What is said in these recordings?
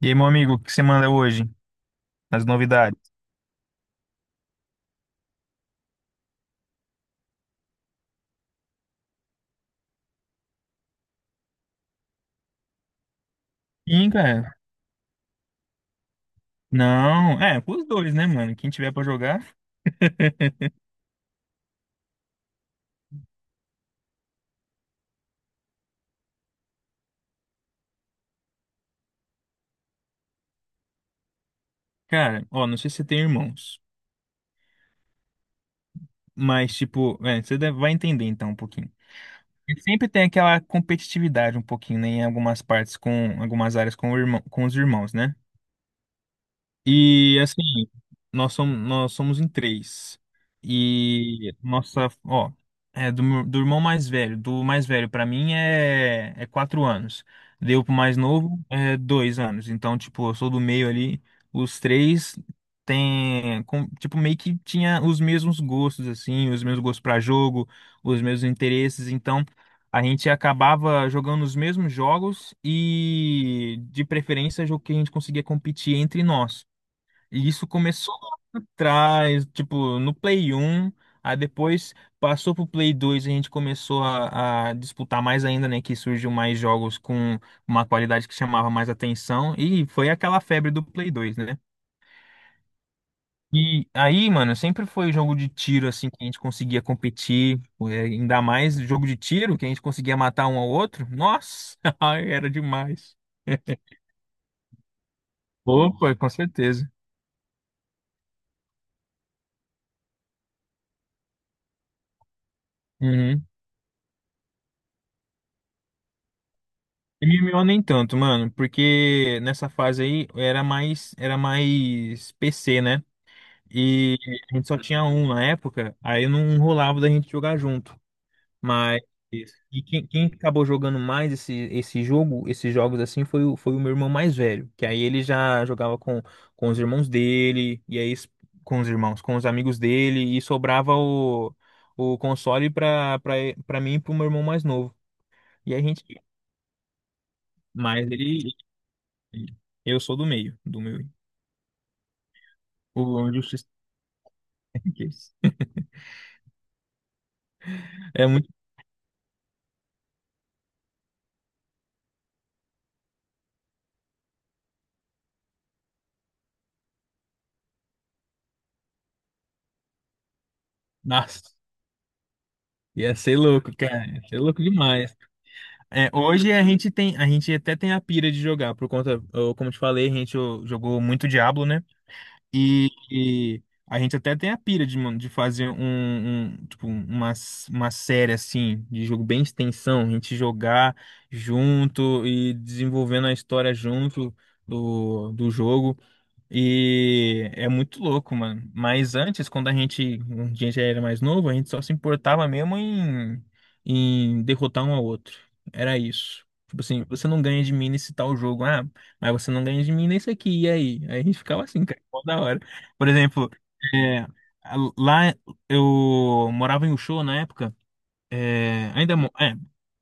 E aí, meu amigo, o que você manda hoje? As novidades? Sim, cara. Não, pros dois, né, mano? Quem tiver pra jogar. Cara, ó, não sei se você tem irmãos, mas, tipo, vai entender então um pouquinho. E sempre tem aquela competitividade um pouquinho, né, em algumas partes algumas áreas o irmão, com os irmãos, né? E assim, nós somos em três. E nossa, ó, é do irmão mais velho. Do mais velho pra mim é 4 anos. Deu pro mais novo é 2 anos. Então, tipo, eu sou do meio ali. Os três tem, tipo, meio que tinha os mesmos gostos, assim, os mesmos gostos pra jogo, os mesmos interesses. Então, a gente acabava jogando os mesmos jogos e, de preferência, jogo que a gente conseguia competir entre nós. E isso começou lá atrás, tipo, no Play 1. Aí depois passou pro Play 2, a gente começou a disputar mais ainda, né? Que surgiu mais jogos com uma qualidade que chamava mais atenção, e foi aquela febre do Play 2, né? E aí, mano, sempre foi jogo de tiro, assim, que a gente conseguia competir, ainda mais jogo de tiro, que a gente conseguia matar um ao outro. Nossa, ai, era demais. Opa, com certeza. Uhum. MMO nem tanto, mano, porque nessa fase aí era mais PC, né? E a gente só tinha um na época, aí não rolava da gente jogar junto. Mas e quem acabou jogando mais esse jogo, esses jogos assim, foi o meu irmão mais velho, que aí ele já jogava com os irmãos dele, e aí com os irmãos, com os amigos dele, e sobrava o console pra mim e pro meu irmão mais novo. E a gente. Mas ele. Eu sou do meio, do meio. O injustice Case. É muito. Nossa, ia ser louco, cara. Ia ser louco demais. É, hoje a gente até tem a pira de jogar, por conta, como te falei, a gente ó, jogou muito Diablo, né? E a gente até tem a pira de, mano, de fazer um, tipo, uma série assim, de jogo bem extensão, a gente jogar junto e desenvolvendo a história junto do jogo. E é muito louco, mano. Mas antes, quando a gente já era mais novo, a gente só se importava mesmo em derrotar um ao outro. Era isso. Tipo assim, você não ganha de mim nesse tal jogo. Ah, mas você não ganha de mim nesse aqui. E aí? Aí a gente ficava assim, cara, mó da hora. Por exemplo, é, lá eu morava em Ushua na época. É, ainda,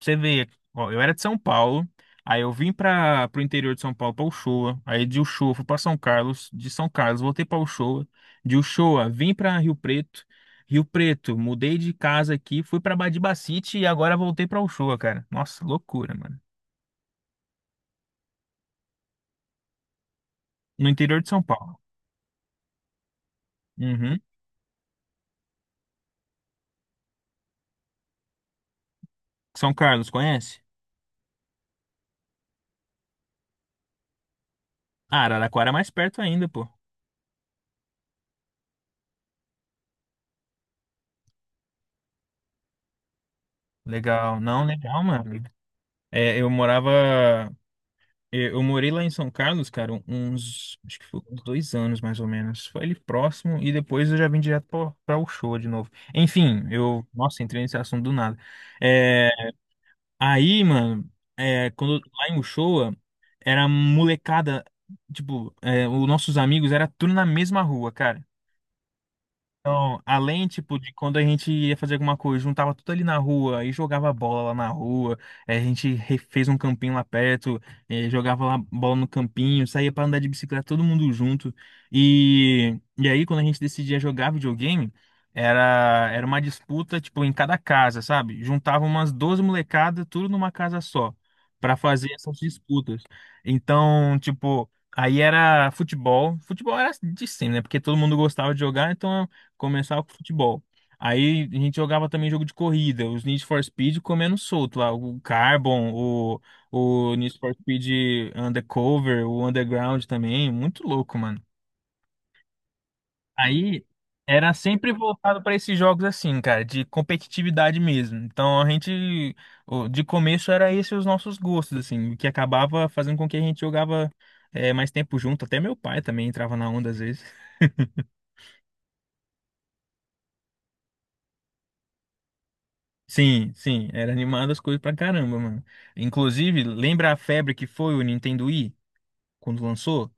você vê, ó, eu era de São Paulo, aí eu vim para pro interior de São Paulo para Uchoa, aí de Uchoa fui para São Carlos, de São Carlos voltei para Uchoa, de Uchoa vim para Rio Preto, Rio Preto, mudei de casa aqui, fui para Badibacite e agora voltei para Uchoa, cara. Nossa, loucura, mano. No interior de São Paulo. Uhum. São Carlos, conhece? Ah, Araraquara é mais perto ainda, pô. Legal, não, legal, mano. É, eu morava. Eu morei lá em São Carlos, cara, uns, acho que foi uns 2 anos mais ou menos. Foi ali próximo e depois eu já vim direto pra Uchoa de novo. Enfim, eu, nossa, entrei nesse assunto do nada. É, aí, mano, quando lá em Uchoa era molecada, tipo, os nossos amigos era tudo na mesma rua, cara. Então, além, tipo, de quando a gente ia fazer alguma coisa, juntava tudo ali na rua e jogava bola lá na rua. A gente fez um campinho lá perto, jogava lá bola no campinho, saía pra andar de bicicleta todo mundo junto. E aí, quando a gente decidia jogar videogame, era uma disputa, tipo, em cada casa, sabe? Juntava umas 12 molecadas, tudo numa casa só, pra fazer essas disputas. Então, tipo... Aí era futebol. Futebol era de sempre, né? Porque todo mundo gostava de jogar, então começava com futebol. Aí a gente jogava também jogo de corrida, os Need for Speed comendo solto lá, o Carbon, o Need for Speed Undercover, o Underground também, muito louco, mano. Aí era sempre voltado para esses jogos assim, cara, de competitividade mesmo. Então a gente, de começo era esses os nossos gostos, assim, o que acabava fazendo com que a gente jogava mais tempo junto. Até meu pai também entrava na onda às vezes. Sim, sim, era animado as coisas pra caramba, mano. Inclusive, lembra a febre que foi o Nintendo Wii quando lançou?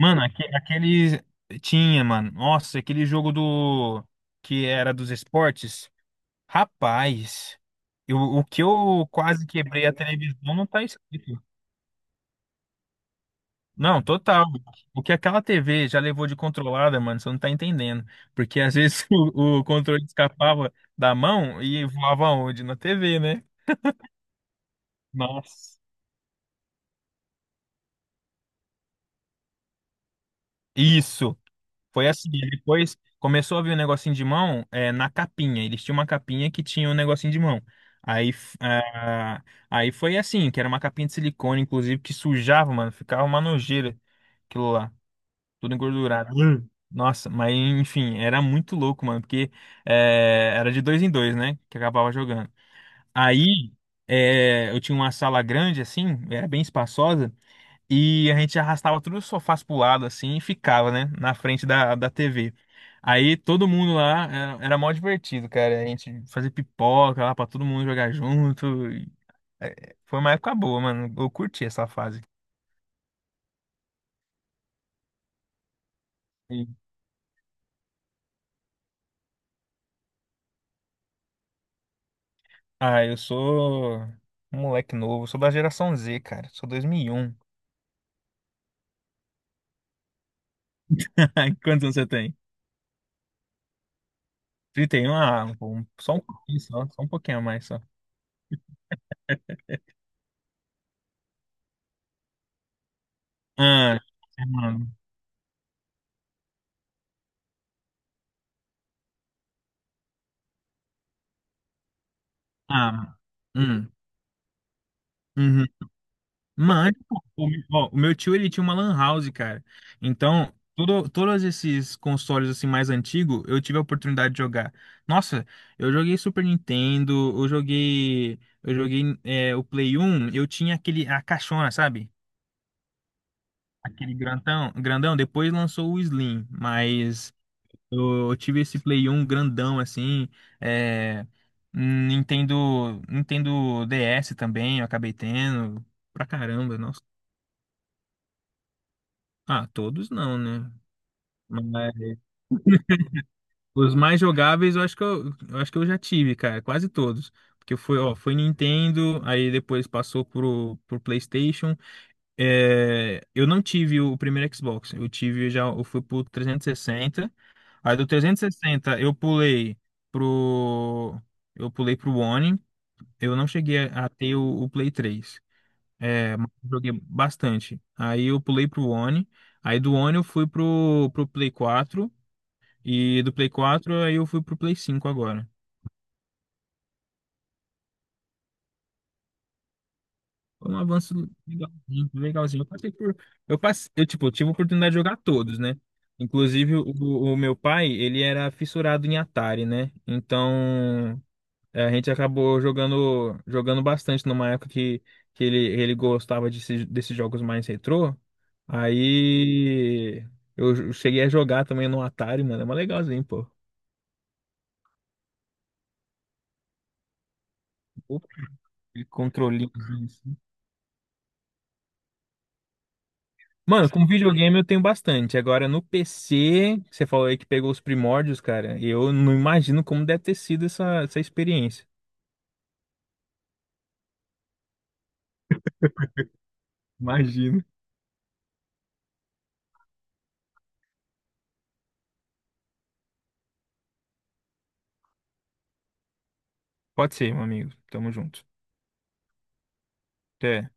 Mano, aquele, tinha, mano. Nossa, aquele jogo do que era dos esportes. Rapaz, o que eu quase quebrei a televisão não tá escrito. Não, total. O que aquela TV já levou de controlada, mano, você não tá entendendo. Porque às vezes o controle escapava da mão e voava onde? Na TV, né? Nossa. Isso. Foi assim, e depois começou a vir um negocinho de mão na capinha. Eles tinham uma capinha que tinha um negocinho de mão. Aí, f- ah, aí foi assim, que era uma capinha de silicone, inclusive, que sujava, mano. Ficava uma nojeira aquilo lá, tudo engordurado. Nossa, mas enfim, era muito louco, mano, porque era de dois em dois, né? Que acabava jogando. Aí eu tinha uma sala grande, assim, era bem espaçosa. E a gente arrastava todos os sofás pro lado, assim, e ficava, né? Na frente da TV. Aí todo mundo lá era mó divertido, cara. A gente fazia pipoca lá pra todo mundo jogar junto. E, foi uma época boa, mano. Eu curti essa fase. E- ah, eu sou um moleque novo. Sou da geração Z, cara. Sou 2001. Quantos anos você tem? 31? Ah, só um pouquinho, só um pouquinho a mais, só. Ah, mano. Ah, hum. Uhum. Mano, pô, o meu tio ele tinha uma lan house, cara. Então, todos esses consoles assim mais antigos, eu tive a oportunidade de jogar. Nossa, eu joguei Super Nintendo, eu joguei o Play 1, eu tinha aquele a caixona, sabe? Aquele grandão, grandão, depois lançou o Slim, mas eu tive esse Play 1 grandão assim, é, Nintendo DS também, eu acabei tendo pra caramba, nossa. Ah, todos não, né? Mas os mais jogáveis eu acho que eu já tive, cara, quase todos. Porque ó, foi Nintendo, aí depois passou pro PlayStation. É, eu não tive o primeiro Xbox, eu tive já, eu fui pro 360. Aí do 360, eu pro pulei pro One. Eu não cheguei a ter o Play 3. É, mas joguei bastante. Aí eu pulei pro One. Aí do One eu fui pro Play 4. E do Play 4, aí eu fui pro Play 5 agora. Foi um avanço legalzinho, legalzinho. Eu passei por. Eu passei, eu, tipo, tive a oportunidade de jogar todos, né? Inclusive, o meu pai, ele era fissurado em Atari, né? Então, a gente acabou jogando bastante numa época que ele gostava desses jogos mais retrô. Aí eu cheguei a jogar também no Atari, mano. É mais legalzinho, pô. Opa, aquele Controlinho. Assim. Mano, com videogame eu tenho bastante. Agora no PC, você falou aí que pegou os primórdios, cara. Eu não imagino como deve ter sido essa experiência. Imagino. Pode ser, meu amigo. Tamo junto. Até.